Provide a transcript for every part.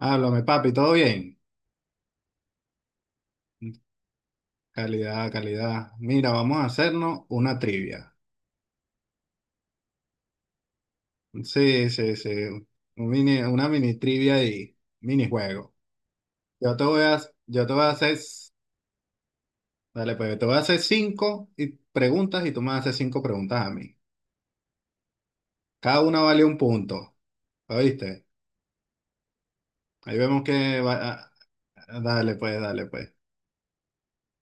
Háblame, papi, ¿todo bien? Calidad, calidad. Mira, vamos a hacernos una trivia. Sí, sí, sí. Una mini trivia y minijuego. Yo te voy a, yo te voy a hacer, dale, pues, yo te voy a hacer cinco preguntas y tú me vas a hacer cinco preguntas a mí. Cada una vale un punto, ¿oíste? Ahí vemos que va. Ah, dale, pues, dale, pues.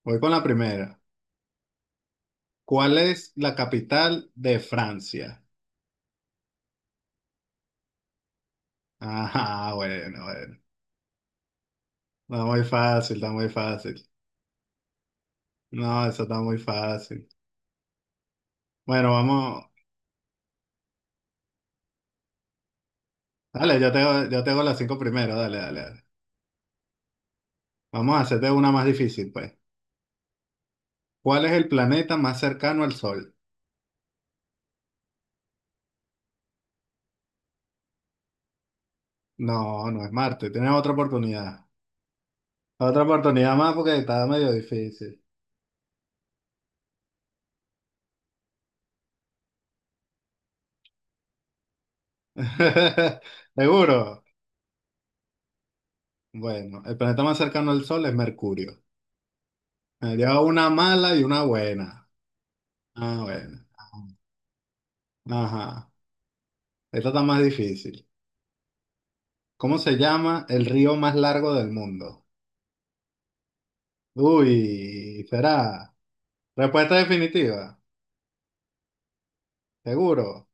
Voy con la primera. ¿Cuál es la capital de Francia? Ajá, bueno, bueno. Está muy fácil, está muy fácil. No, eso está muy fácil. Bueno, vamos. Dale, yo te hago las cinco primero. Dale, dale, dale. Vamos a hacerte una más difícil, pues. ¿Cuál es el planeta más cercano al Sol? No, no es Marte. Tienes otra oportunidad. Otra oportunidad más porque está medio difícil. ¿Seguro? Bueno, el planeta más cercano al Sol es Mercurio. Me lleva una mala y una buena. Ah, bueno. Ajá. Esta está más difícil. ¿Cómo se llama el río más largo del mundo? Uy, será. Respuesta definitiva, seguro.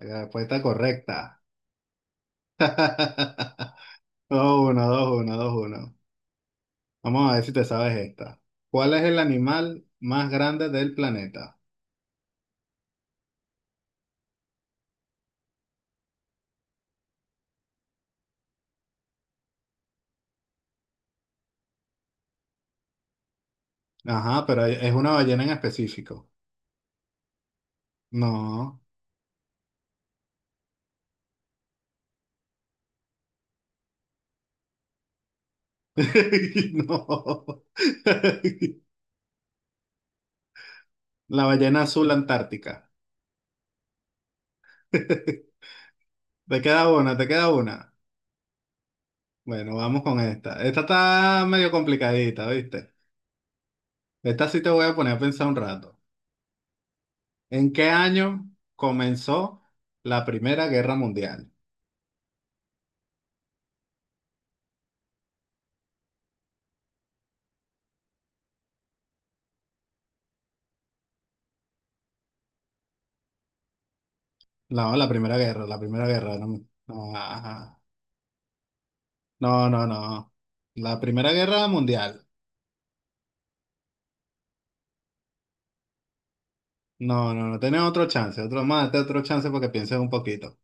La respuesta correcta. Dos, uno, dos, uno, dos, uno. Vamos a ver si te sabes esta. ¿Cuál es el animal más grande del planeta? Ajá, pero es una ballena en específico. No. No. La ballena azul antártica. Te queda una, te queda una. Bueno, vamos con esta. Esta está medio complicadita, ¿viste? Esta sí te voy a poner a pensar un rato. ¿En qué año comenzó la Primera Guerra Mundial? No, la Primera Guerra, la Primera Guerra. No, no, ajá. No, no. No. La Primera Guerra Mundial. No, no, no. Tenés otro chance, otro más, tenés otro chance porque pienses un poquito.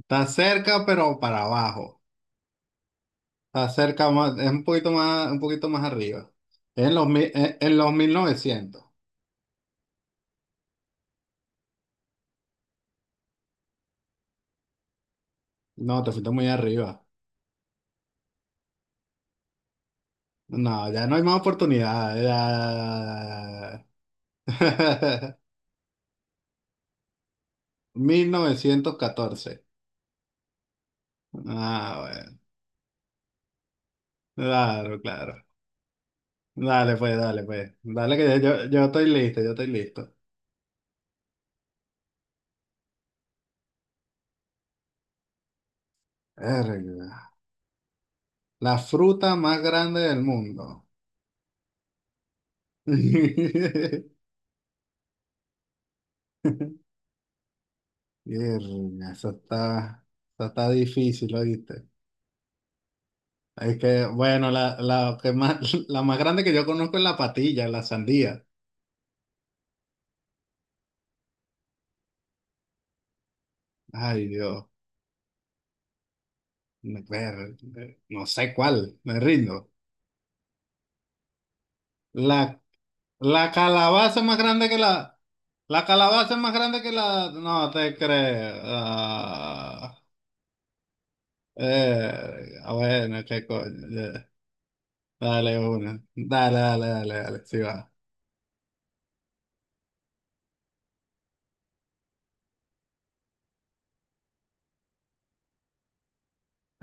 Está cerca, pero para abajo. Está cerca más, es un poquito más arriba. Es En los, mi- en los 1900. No, te fuiste muy arriba. No, ya no hay más oportunidades. Ya. Ya, ya, ya, ya, ya. 1914. Ah, bueno. Claro, claro. Dale, pues, dale, pues. Dale que yo estoy listo, yo estoy listo. Verga. La fruta más grande del mundo. Verga, eso está difícil, ¿oíste? Es que, bueno, la más grande que yo conozco es la patilla, la sandía. Ay, Dios. Ver- No sé cuál, me rindo. La, la calabaza más grande que la, La calabaza es más grande que la... No te creo. Ah, ah, bueno, qué coño. Ya. Dale una. Dale, dale, dale, dale. Sí va.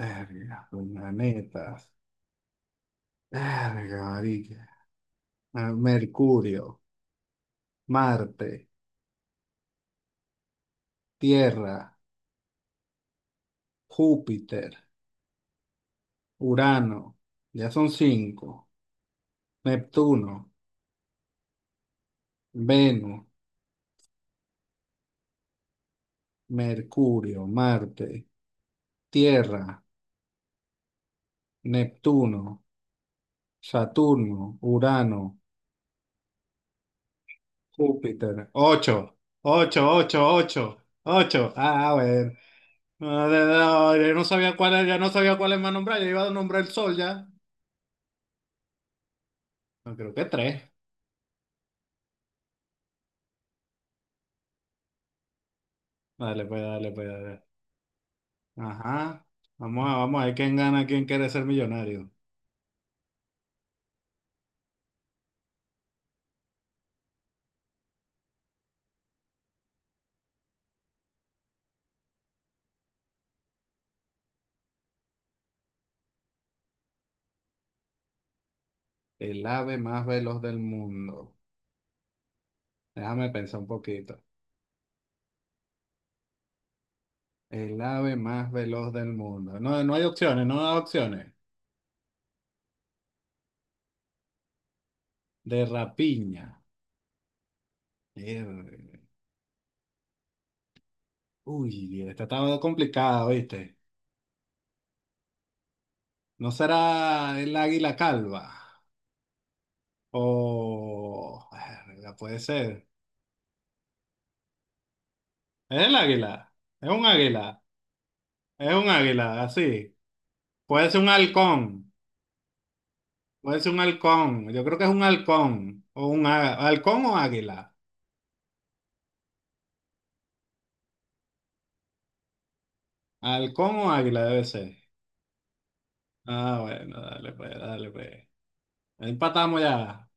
Verga, planetas. Verga, marica. Ah, Mercurio, Marte, Tierra, Júpiter, Urano. Ya son cinco. Neptuno, Venus, Mercurio, Marte, Tierra, Neptuno, Saturno, Urano. Júpiter. Ocho, ocho, ocho, ocho, ocho. Ah, bueno. No, no, yo no sabía cuál era, yo no sabía cuál es más nombrar. Yo iba a nombrar el sol ya. No, creo que tres. Dale, pues, dale, pues, dale. Ajá. Vamos a ver quién gana, quién quiere ser millonario. El ave más veloz del mundo. Déjame pensar un poquito. El ave más veloz del mundo. No, no hay opciones, no hay opciones. De rapiña. Uy, esta estaba complicada, ¿viste? ¿No será el águila calva? O... Verga, puede ser. ¿Es el águila? ¿Es un águila? ¿Es un águila? Así. Puede ser un halcón. Puede ser un halcón. Yo creo que es un halcón. O un halcón o águila. Halcón o águila debe ser. Ah, bueno, dale pues, dale pues. Empatamos ya.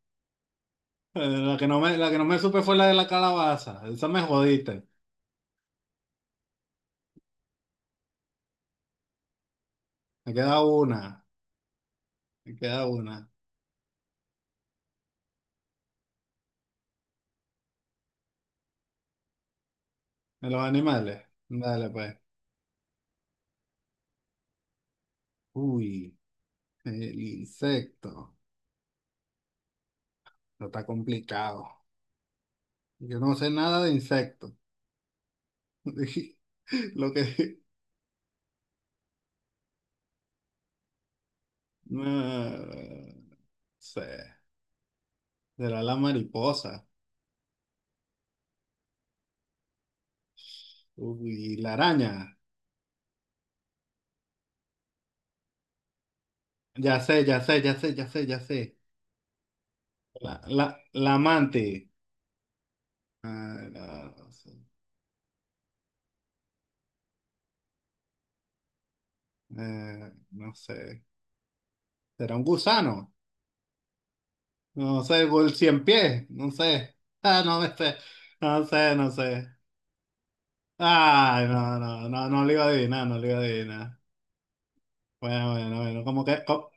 Eh, la que no me supe fue la de la calabaza. Esa me jodiste. Me queda una. Me queda una. De los animales. Dale pues. Uy. El insecto. No está complicado. Yo no sé nada de insectos. Lo que... No sé. Será la mariposa. Uy, la araña. Ya sé, ya sé, ya sé, ya sé, ya sé. La, la, la amante. Ah, no, no sé. No sé. ¿Será un gusano? No sé, o el cien pies. No sé. Ah, no me sé. No sé, no sé. Ay, no, no, no, no lo iba a adivinar, no lo iba a adivinar. Bueno, bueno, bueno,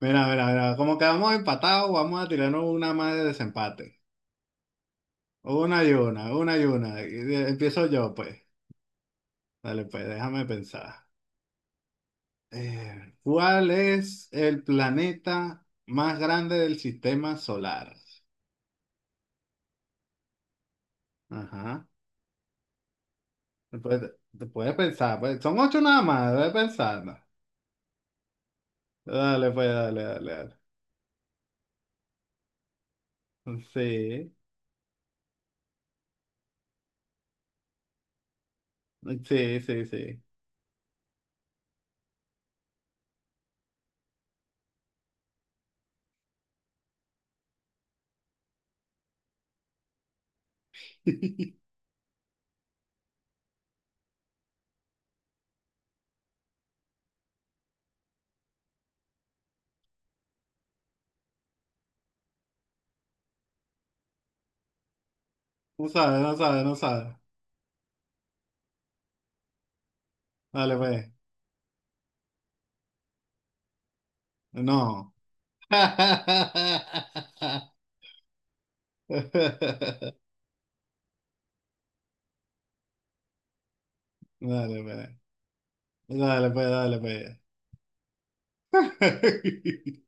mira, mira, mira, como quedamos empatados, vamos a tirarnos una más de desempate. Una y una, una y una. Empiezo yo, pues. Dale, pues, déjame pensar. ¿Cuál es el planeta más grande del sistema solar? Ajá. Te puedes, te puedes pensar, pues. Son ocho nada más, debes pensar. ¿No? Dale, pues, dale, dale, dale. Sí, sí, sí, sí. No sabe, no sabe, no sabe. Dale, pues. No. Dale, pues. Dale, pues, dale, pues.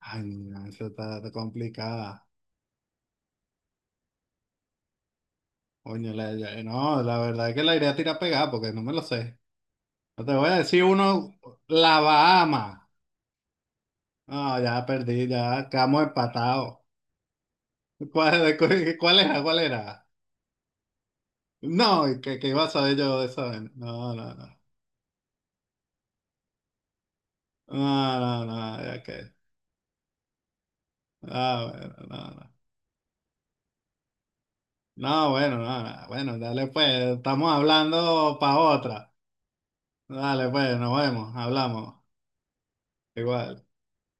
Ay, no, eso está complicada. Coño, no, la verdad es que la iré a tirar pegada porque no me lo sé. No te voy a decir uno, la Bahama. No, ya perdí, ya quedamos empatados. ¿Cuál era? ¿Cuál era? No, ¿y que iba a saber yo de eso? No, no, no. No, no, no, ya que. Ah, bueno, no, no. No, bueno, no, no, bueno, dale pues, estamos hablando para otra. Dale pues, nos vemos, hablamos. Igual.